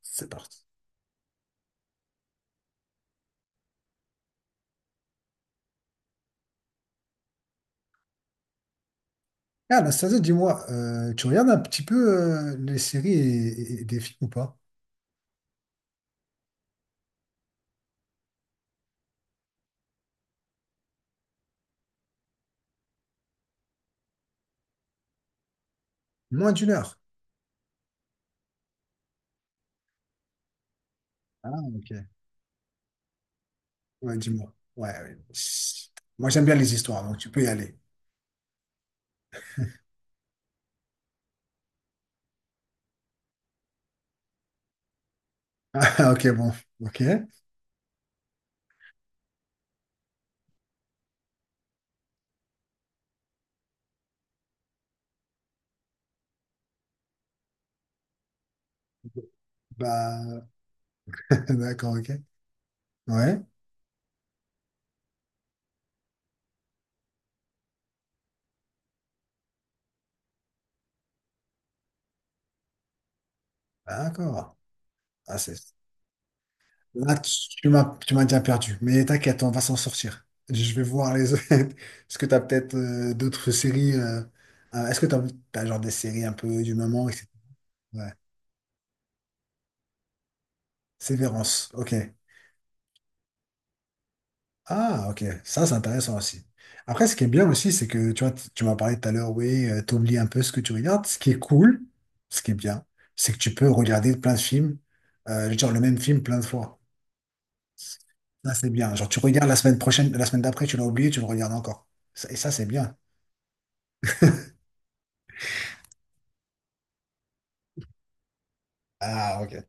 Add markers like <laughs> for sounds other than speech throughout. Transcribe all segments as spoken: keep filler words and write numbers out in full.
C'est parti. Ah, Anastasia, dis-moi, euh, tu regardes un petit peu euh, les séries et, et- et des films ou pas? Moins d'une heure. Ah, ok. Ouais, dis-moi. Ouais, ouais. Chut. Moi, j'aime bien les histoires, donc tu peux y aller. <laughs> Ah, ok, bon. Ok. Bah, <laughs> d'accord, ok. Ouais, d'accord. Ah, c'est... Là, tu tu m'as tu m'as déjà perdu, mais t'inquiète, on va s'en sortir. Je vais voir les autres. <laughs> Est-ce que t'as peut-être euh, d'autres séries euh, euh, est-ce que t'as, t'as genre des séries un peu du moment, et cetera. Sévérance, ok. Ah, ok, ça c'est intéressant aussi. Après, ce qui est bien aussi, c'est que tu vois, t- tu m'as parlé tout à l'heure, oui, euh, t'oublies un peu ce que tu regardes. Ce qui est cool, ce qui est bien, c'est que tu peux regarder plein de films, euh, genre le même film plein de fois. Ça c'est bien. Genre tu regardes la semaine prochaine, la semaine d'après, tu l'as oublié, tu le regardes encore. Ça- Et ça c'est bien. Ah, ok.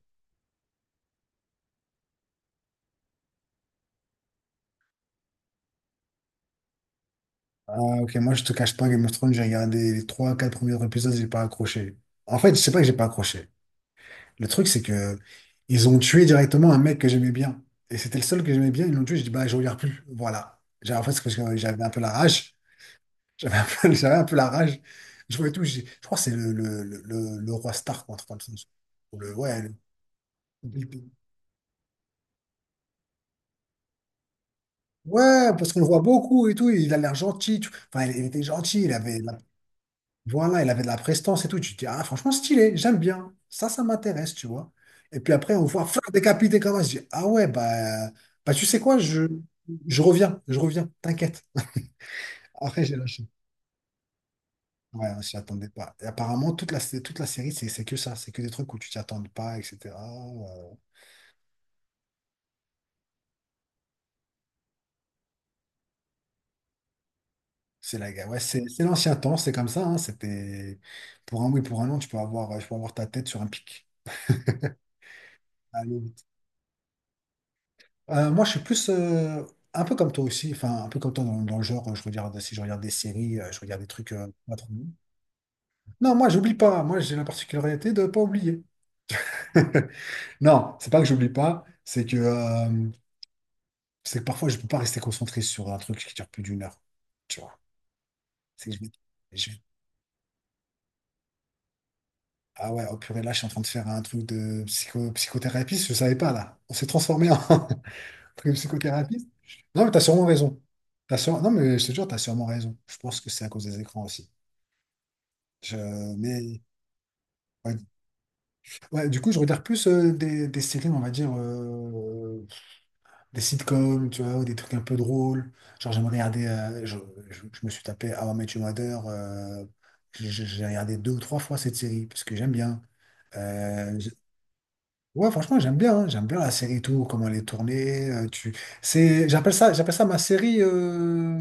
Ah, ok, moi je te cache pas, Game of Thrones, j'ai regardé les trois, quatre premiers épisodes, j'ai pas accroché. En fait, je sais pas que j'ai pas accroché. Le truc, c'est que ils ont tué directement un mec que j'aimais bien. Et c'était le seul que j'aimais bien. Ils l'ont tué. J'ai dit, bah, je regarde plus. Voilà. J'ai- En fait, c'est parce que j'avais un peu la rage. <laughs> J'avais un peu, <laughs> j'avais un peu la rage. Je voyais tout. j'ai- Je crois que c'est le, le, le, le- le roi Stark, ou un truc comme ça. Ou le, ouais, le- le- Ouais, parce qu'on le voit beaucoup et tout. Il a l'air gentil. tu- Enfin, il était gentil. Il avait, voilà, il avait de la prestance et tout. Tu te dis, ah, franchement, stylé, j'aime bien. Ça, ça m'intéresse, tu vois. Et puis après, on voit faire décapiter Kamash. Je dis, ah ouais, bah, bah tu sais quoi, je, je reviens, je reviens, t'inquiète. <laughs> Après, j'ai lâché. Ouais, je m'y attendais pas. Et apparemment, toute la, toute la série, c'est c'est que ça. C'est que des trucs où tu t'y attends pas, et cetera. Euh, c'est la, ouais, c'est c'est l'ancien temps, c'est comme ça. Hein. C'était pour un oui, pour un non, tu peux avoir, tu peux avoir ta tête sur un pic. Allez, Euh, moi, je suis plus euh, un peu comme toi aussi, enfin, un peu comme toi dans, dans le genre. euh, Je regarde, si je regarde des séries, euh, je regarde des trucs euh, pas trop longs. Non, moi, j'oublie pas. Moi, j'ai la particularité de pas oublier. <laughs> Non, c'est pas que j'oublie pas, c'est que, euh, c'est que parfois, je peux pas rester concentré sur un truc qui dure plus d'une heure. Tu vois, c'est que je vais- je vais- ah ouais, oh purée, là, je suis en train de faire un truc de psycho, psychothérapie, je savais pas, là. On s'est transformé en <laughs> truc de psychothérapie. Non, mais t'as sûrement raison. T'as sûre- Non, mais je te jure, t'as sûrement raison. Je pense que c'est à cause des écrans aussi. Je- mais ouais. Ouais, du coup, je regarde plus euh, des, des séries, on va dire, euh, des sitcoms, tu vois, ou des trucs un peu drôles. Genre, j'aime regarder, euh, je, je- je me suis tapé How I Met Your Mother, euh, j'ai j'ai- j'ai regardé deux ou trois fois cette série, parce que j'aime bien. Euh, j'- ouais, franchement, j'aime bien, hein. J'aime bien la série et tout, comment elle est tournée. euh, tu... c'est, j'appelle ça, j'appelle ça ma série, euh,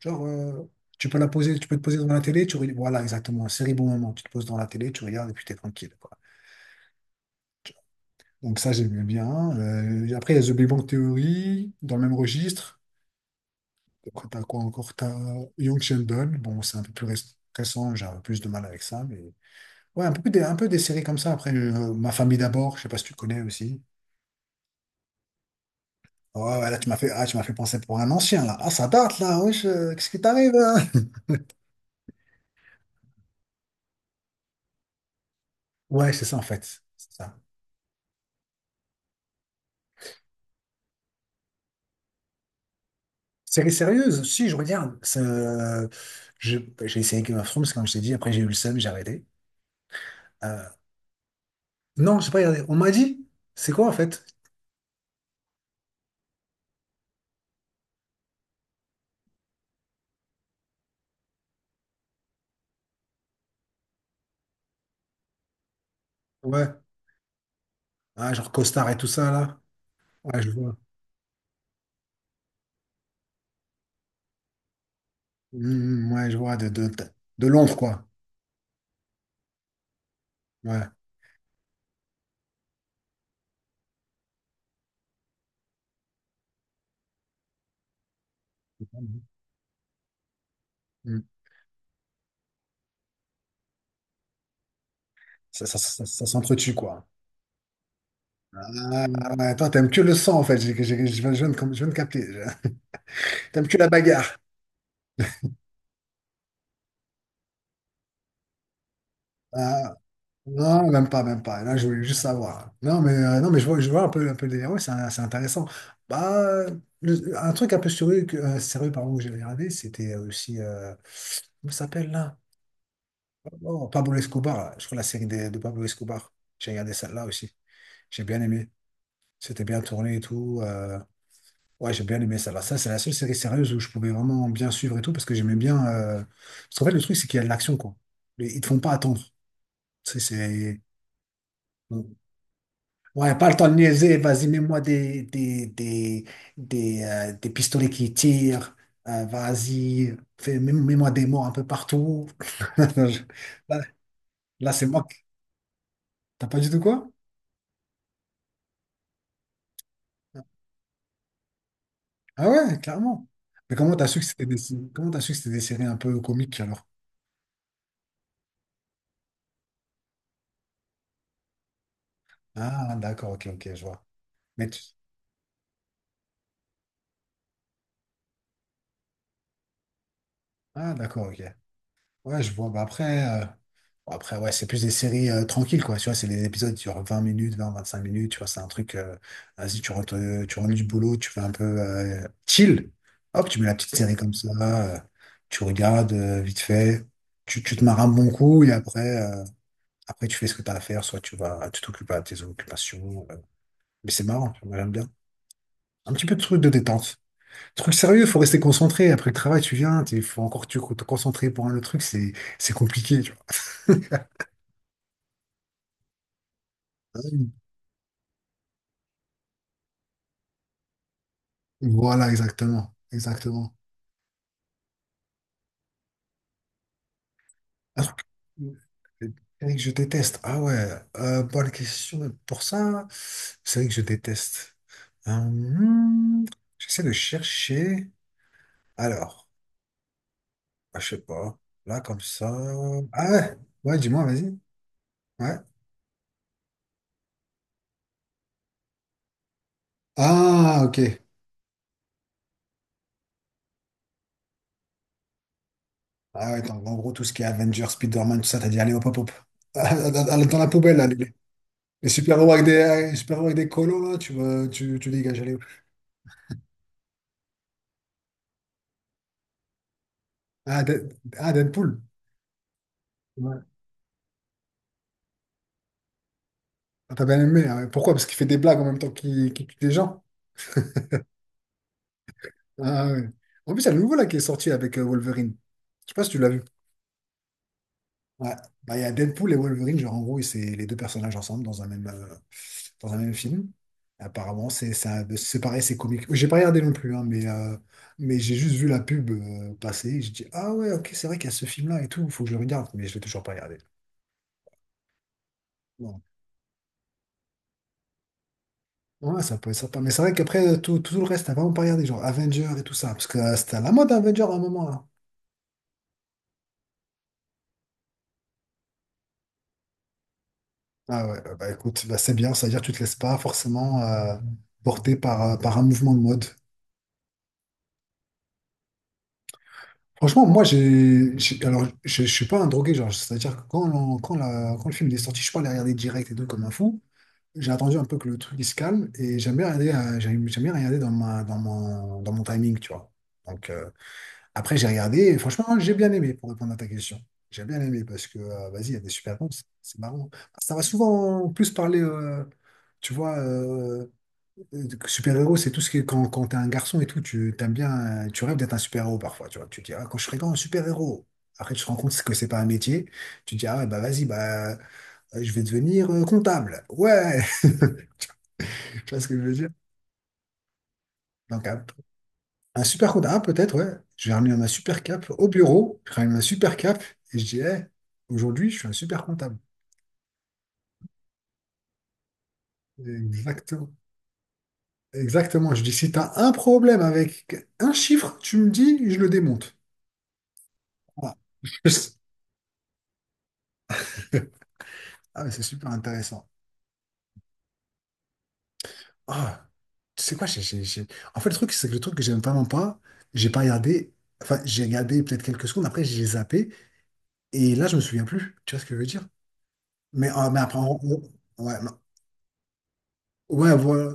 genre, euh, tu peux la poser, tu peux te poser devant la télé, tu... re- voilà, exactement, série bon moment, tu te poses dans la télé, tu regardes et puis t'es tranquille. Donc ça, j'aimais bien. Euh, après, il y a The Big Bang Theory, dans le même registre. Donc, t'as quoi encore? T'as Young Sheldon. Bon, c'est un peu plus réc- récent, j'ai un peu plus de mal avec ça. Mais... ouais, un peu, des, un peu des séries comme ça. Après, euh, Ma famille d'abord, je sais pas si tu connais aussi. Ouais, ouais, là, tu m'as fait, ah, tu m'as fait penser pour un ancien, là. Ah, ça date, là. Wesh, euh, qu'est-ce qui t'arrive, là? <laughs> Ouais, c'est ça, en fait. C'est ça. Série sérieuse, si, je regarde. C'est, euh, je- J'ai essayé Game of Thrones, comme je t'ai dit. Après, j'ai eu le seum, j'ai arrêté. Euh, non, je sais pas regardé. On m'a dit, c'est quoi, en fait? Ouais. Ah, genre costard et tout ça, là. Ouais, je vois. Mm, ouais, je vois. De, de, de, de l'ombre, quoi. Ouais. Mm. Ça, ça, ça, ça s'entretue, quoi. Ah, ouais, toi, t'aimes que le sang, en fait. J'ai- j'ai- Je viens je viens de com- je viens de capter. <laughs> T'aimes que la bagarre. Ah, non, même pas, même pas. Là, je voulais juste savoir. Non, mais, euh, non, mais je vois, je vois un peu, un peu le délire. Ouais, c'est un- c'est intéressant. Bah, le- un truc un peu sérieux, que, euh, sérieux pardon, que j'avais regardé, c'était euh, aussi... euh, comment ça s'appelle, là? Oh, Pablo Escobar, je crois la série de, de Pablo Escobar. J'ai regardé celle-là aussi. J'ai bien aimé. C'était bien tourné et tout. euh, Ouais, j'ai bien aimé celle-là. Ça, c'est la seule série sérieuse où je pouvais vraiment bien suivre et tout parce que j'aimais bien. euh, Parce qu'en fait, le truc, c'est qu'il y a de l'action, quoi. Mais ils te font pas attendre. Tu sais, c'est. Bon, ouais, pas le temps de niaiser. Vas-y, mets-moi des, des, des, des, euh, des pistolets qui tirent. Euh, vas-y, fais- mets- mets-moi des morts un peu partout. <laughs> Là, là, c'est moi. qui- T'as pas du tout quoi? Ah ouais, clairement. Mais comment t'as su que c'était des... comment t'as su que c'était des séries un peu comiques alors? Ah d'accord, ok, ok, je vois. Mais tu- Ah d'accord, ok. Ouais, je vois. Bah après, euh, bon, après ouais, c'est plus des séries euh, tranquilles, quoi. Tu vois, c'est des épisodes sur vingt minutes, vingt vingt-cinq minutes, tu vois, c'est un truc. euh, Vas-y, tu rentres, euh, tu rentres du boulot, tu fais un peu euh, chill. Hop, tu mets la petite série comme ça, euh, tu regardes euh, vite fait, tu, tu te marres un bon coup et après, euh, après tu fais ce que t'as à faire, soit tu vas tu t'occupes à tes occupations. euh, Mais c'est marrant, tu vois, j'aime bien. Un petit peu de truc de détente. Truc sérieux, faut rester concentré. Après le travail, tu viens, il faut encore tu- te concentrer pour un autre truc, c'est c'est compliqué, tu vois. <laughs> Voilà, exactement. Exactement. Un truc série que je déteste. Ah ouais, euh, bonne question. Pour ça, c'est vrai que je déteste. Euh, hmm, j'essaie de chercher. Alors, ah, je sais pas. Là, comme ça. Ah ouais, ouais, dis-moi, vas-y. Ouais. Ah, ok. Ah ouais, donc en gros, tout ce qui est Avengers, Spider-Man, tout ça, t'as dit, allez, hop, hop, hop. <laughs> Dans dans- la poubelle, là, les, les super-héros avec des, euh, les super-héros avec des colos, là, tu, veux- tu, tu dégages, allez. Hop. Ah, Dead- ah, Deadpool. Ouais. Ah, t'as bien aimé. Ah ouais. Pourquoi? Parce qu'il fait des blagues en même temps qu'il qu'il tue des gens. Ah ouais. En plus, il y a le nouveau, là, qui est sorti avec euh, Wolverine. Je sais pas si tu l'as vu. Ouais. Bah, il y a Deadpool et Wolverine, genre en gros, c'est les deux personnages ensemble dans un même, euh, dans un même film. Apparemment, c'est ça, c'est pareil, c'est comique. J'ai pas regardé non plus, hein, mais, euh, mais j'ai juste vu la pub euh, passer. J'ai dit, ah ouais, ok, c'est vrai qu'il y a ce film-là et tout, faut que je le regarde, mais je l'ai toujours pas regardé. Bon. Ouais, ça peut être sympa. Mais c'est vrai qu'après, euh, tout, tout le reste, t'as vraiment pas regardé, genre Avengers et tout ça, parce que euh, c'était à la mode Avengers à un moment, là. Ah ouais, bah bah, écoute, bah, c'est bien, c'est à dire que tu te laisses pas forcément euh, porter par, euh, par un mouvement de mode. Franchement, moi, j'ai, j'ai- alors, je, je suis pas un drogué, genre, c'est-à-dire que quand, l'on- quand, la- quand le film est sorti, je suis pas allé regarder direct et tout comme un fou. J'ai attendu un peu que le truc il se calme et j'aime bien regarder, euh, j'aime j'aime bien regarder dans ma, dans mon, dans mon timing, tu vois. Donc, euh, après, j'ai regardé et franchement, j'ai bien aimé pour répondre à ta question. J'ai bien aimé parce que, euh, vas-y, il y a des super bons, c'est c'est marrant. Ça va souvent en plus parler, euh, tu vois, euh, euh, super-héros, c'est tout ce qui est quand, quand t'es un garçon et tout, tu t'aimes bien, euh, tu rêves d'être un super-héros parfois, tu vois. Tu dis, ah, quand je serai grand, un super-héros. Après, tu te rends compte que c'est pas un métier. Tu dis, ah, ouais, bah vas-y, bah, euh, je vais devenir euh, comptable. Ouais, <laughs> tu vois ce que je veux dire? Donc, un, un super comptable, ah, peut-être, ouais. Je vais ramener ma super cape au bureau, je ramène ma super cape et je dis, eh, aujourd'hui, je suis un super comptable. Exactement. Exactement. Je dis, si t'as un problème avec un chiffre, tu me dis, je le démonte. Voilà. <laughs> Ah, mais c'est super intéressant. Ah, tu sais quoi, j'ai, j'ai- j'ai- en fait, le truc, c'est que le truc que j'aime vraiment pas, j'ai pas regardé, enfin, j'ai regardé peut-être quelques secondes, après, j'ai zappé, et là, je me souviens plus. Tu vois ce que je veux dire? Mais, ah, mais après, on- on- ouais, non. Ouais, voilà.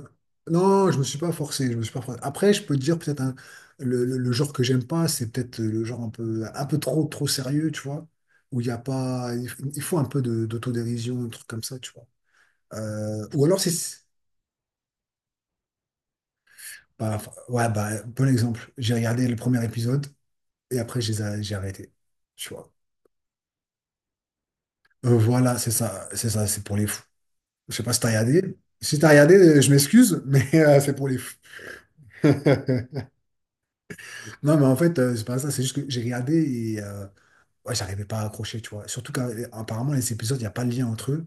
Non, je me suis pas forcé, je me suis pas forcé. Après, je peux te dire, peut-être, un- le, le- le genre que j'aime pas, c'est peut-être le genre un peu, un peu trop, trop sérieux, tu vois, où il y a pas, il, il faut un peu de- d'autodérision, un truc comme ça, tu vois. Euh, ou alors, c'est. Bah, enfin, ouais, bah, bon exemple. J'ai regardé le premier épisode et après, j'ai j'ai arrêté. Tu vois. Euh, voilà, c'est ça, c'est ça, c'est pour les fous. Je sais pas si t'as regardé. Si t'as regardé, euh, je m'excuse, mais <laughs> euh, c'est pour les fous. <laughs> Non, mais en fait, euh, c'est pas ça, c'est juste que j'ai regardé et euh, ouais, j'arrivais pas à accrocher, tu vois. Surtout qu'apparemment, les épisodes, il n'y a pas de lien entre eux.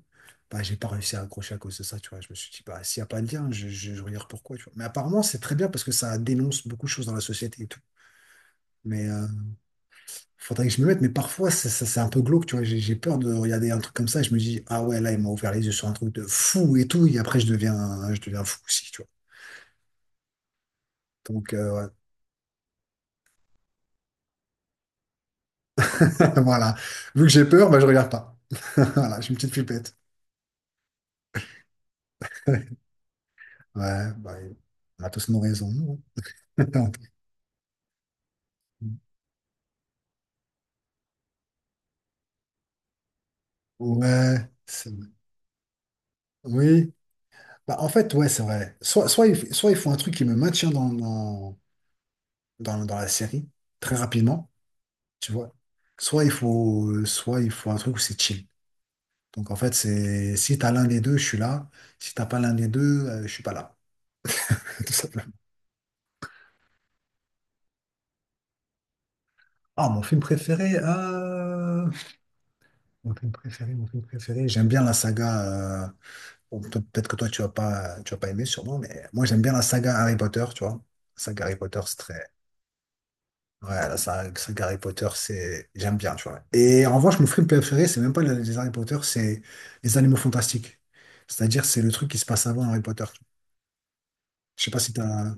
Bah, j'ai pas réussi à accrocher à cause de ça, tu vois. Je me suis dit, bah, s'il n'y a pas de lien, je, je, je regarde pourquoi, tu vois. Mais apparemment, c'est très bien parce que ça dénonce beaucoup de choses dans la société et tout. Mais euh, faudrait que je me mette, mais parfois, ça, ça- c'est un peu glauque, tu vois. J'ai j'ai peur de regarder un truc comme ça et je me dis, ah ouais, là, il m'a ouvert les yeux sur un truc de fou et tout. Et après, je deviens, je deviens fou aussi, tu vois. Donc, euh, ouais. <laughs> Voilà. Vu que j'ai peur, bah, je regarde pas. <laughs> Voilà, j'ai une petite flippette. <laughs> Ouais, bah, on a tous nos raisons. <laughs> Ouais, c'est vrai. Oui. Bah, en fait, ouais, c'est vrai. Soit, soit, il, soit il faut un truc qui me maintient dans, dans, dans, dans la série très rapidement, tu vois. Soit il faut, soit il faut un truc où c'est chill. Donc en fait, c'est si t'as l'un des deux, je suis là. Si t'as pas l'un des deux, euh, je suis pas là. <laughs> Tout simplement. Ah, mon film préféré, euh, mon film préféré, mon film préféré. J'aime bien la saga. Euh, bon, toi, peut-être que toi tu vas pas, tu vas pas aimer sûrement, mais moi j'aime bien la saga Harry Potter, tu vois. La saga Harry Potter, c'est très, ouais, la saga, saga Harry Potter, c'est, j'aime bien, tu vois. Et en revanche, mon film préféré, c'est même pas les les Harry Potter, c'est les Animaux Fantastiques. C'est-à-dire, c'est le truc qui se passe avant Harry Potter. Je sais pas si t'as,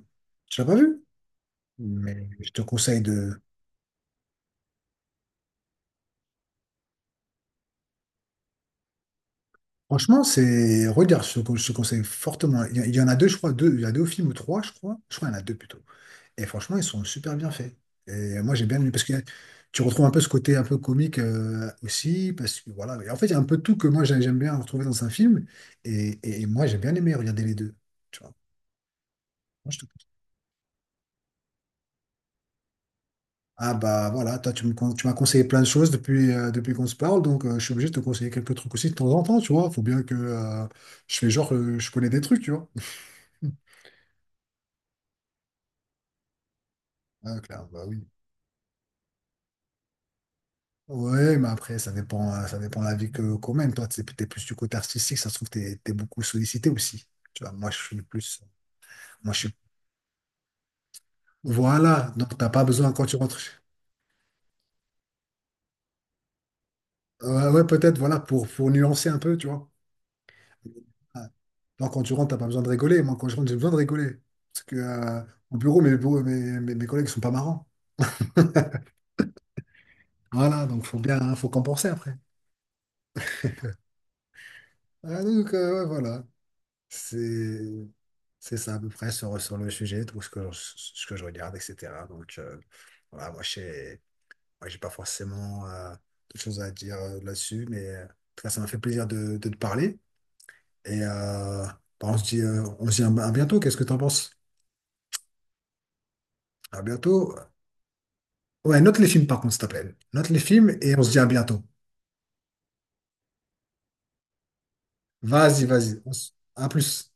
Tu l'as pas vu? Mais je te conseille de. Franchement, c'est. Regarde, je te, con- je te conseille fortement. Il y, il y en a deux, je crois. Deux, il y a deux films ou trois, je crois. Je crois qu'il y en a deux plutôt. Et franchement, ils sont super bien faits. Et moi, j'ai bien aimé parce que tu retrouves un peu ce côté un peu comique euh, aussi. Parce que voilà. Et en fait, il y a un peu tout que moi, j'ai- j'aime bien retrouver dans un film. Et, et- et moi, j'ai bien aimé regarder les deux. Tu vois. Moi, je te conseille. Ah bah voilà, toi tu me con- tu m'as conseillé plein de choses depuis, euh, depuis qu'on se parle, donc euh, je suis obligé de te conseiller quelques trucs aussi de temps en temps, tu vois. Faut bien que euh, je fais genre euh, je connais des trucs, tu vois. <laughs> Ah, clair, bah oui. Ouais, mais après, ça dépend, euh, ça dépend de la vie que qu'on mène. Toi, t'es t'es plus du côté artistique, ça se trouve, t'es, t'es beaucoup sollicité aussi. Tu vois, moi, je suis plus. Moi, je suis. Voilà, donc t'as pas besoin quand tu rentres. Ouais, ouais, peut-être, voilà, pour, pour nuancer un peu, tu vois. Ah, non, quand tu rentres, t'as pas besoin de rigoler. Moi, quand je rentre, j'ai besoin de rigoler. Parce que euh, au bureau, mes, bureaux- mes, mes, mes collègues sont pas marrants. Voilà, donc faut bien, hein, faut compenser après. Ah, donc, euh, ouais, voilà. C'est, c'est ça à peu près sur, sur le sujet, tout ce que, je- ce que je regarde, et cetera. Donc, euh, voilà, moi, j'ai, moi, j'ai pas forcément euh, de choses à dire euh, là-dessus, mais euh, en tout cas, ça m'a fait plaisir de, de te parler. Et euh, bah, on se dit, euh, on se dit à à bientôt. Qu'est-ce que t'en penses? À bientôt. Ouais, note les films par contre, s'il te plaît. Note les films et on se dit à bientôt. Vas-y, vas-y. On s- À plus.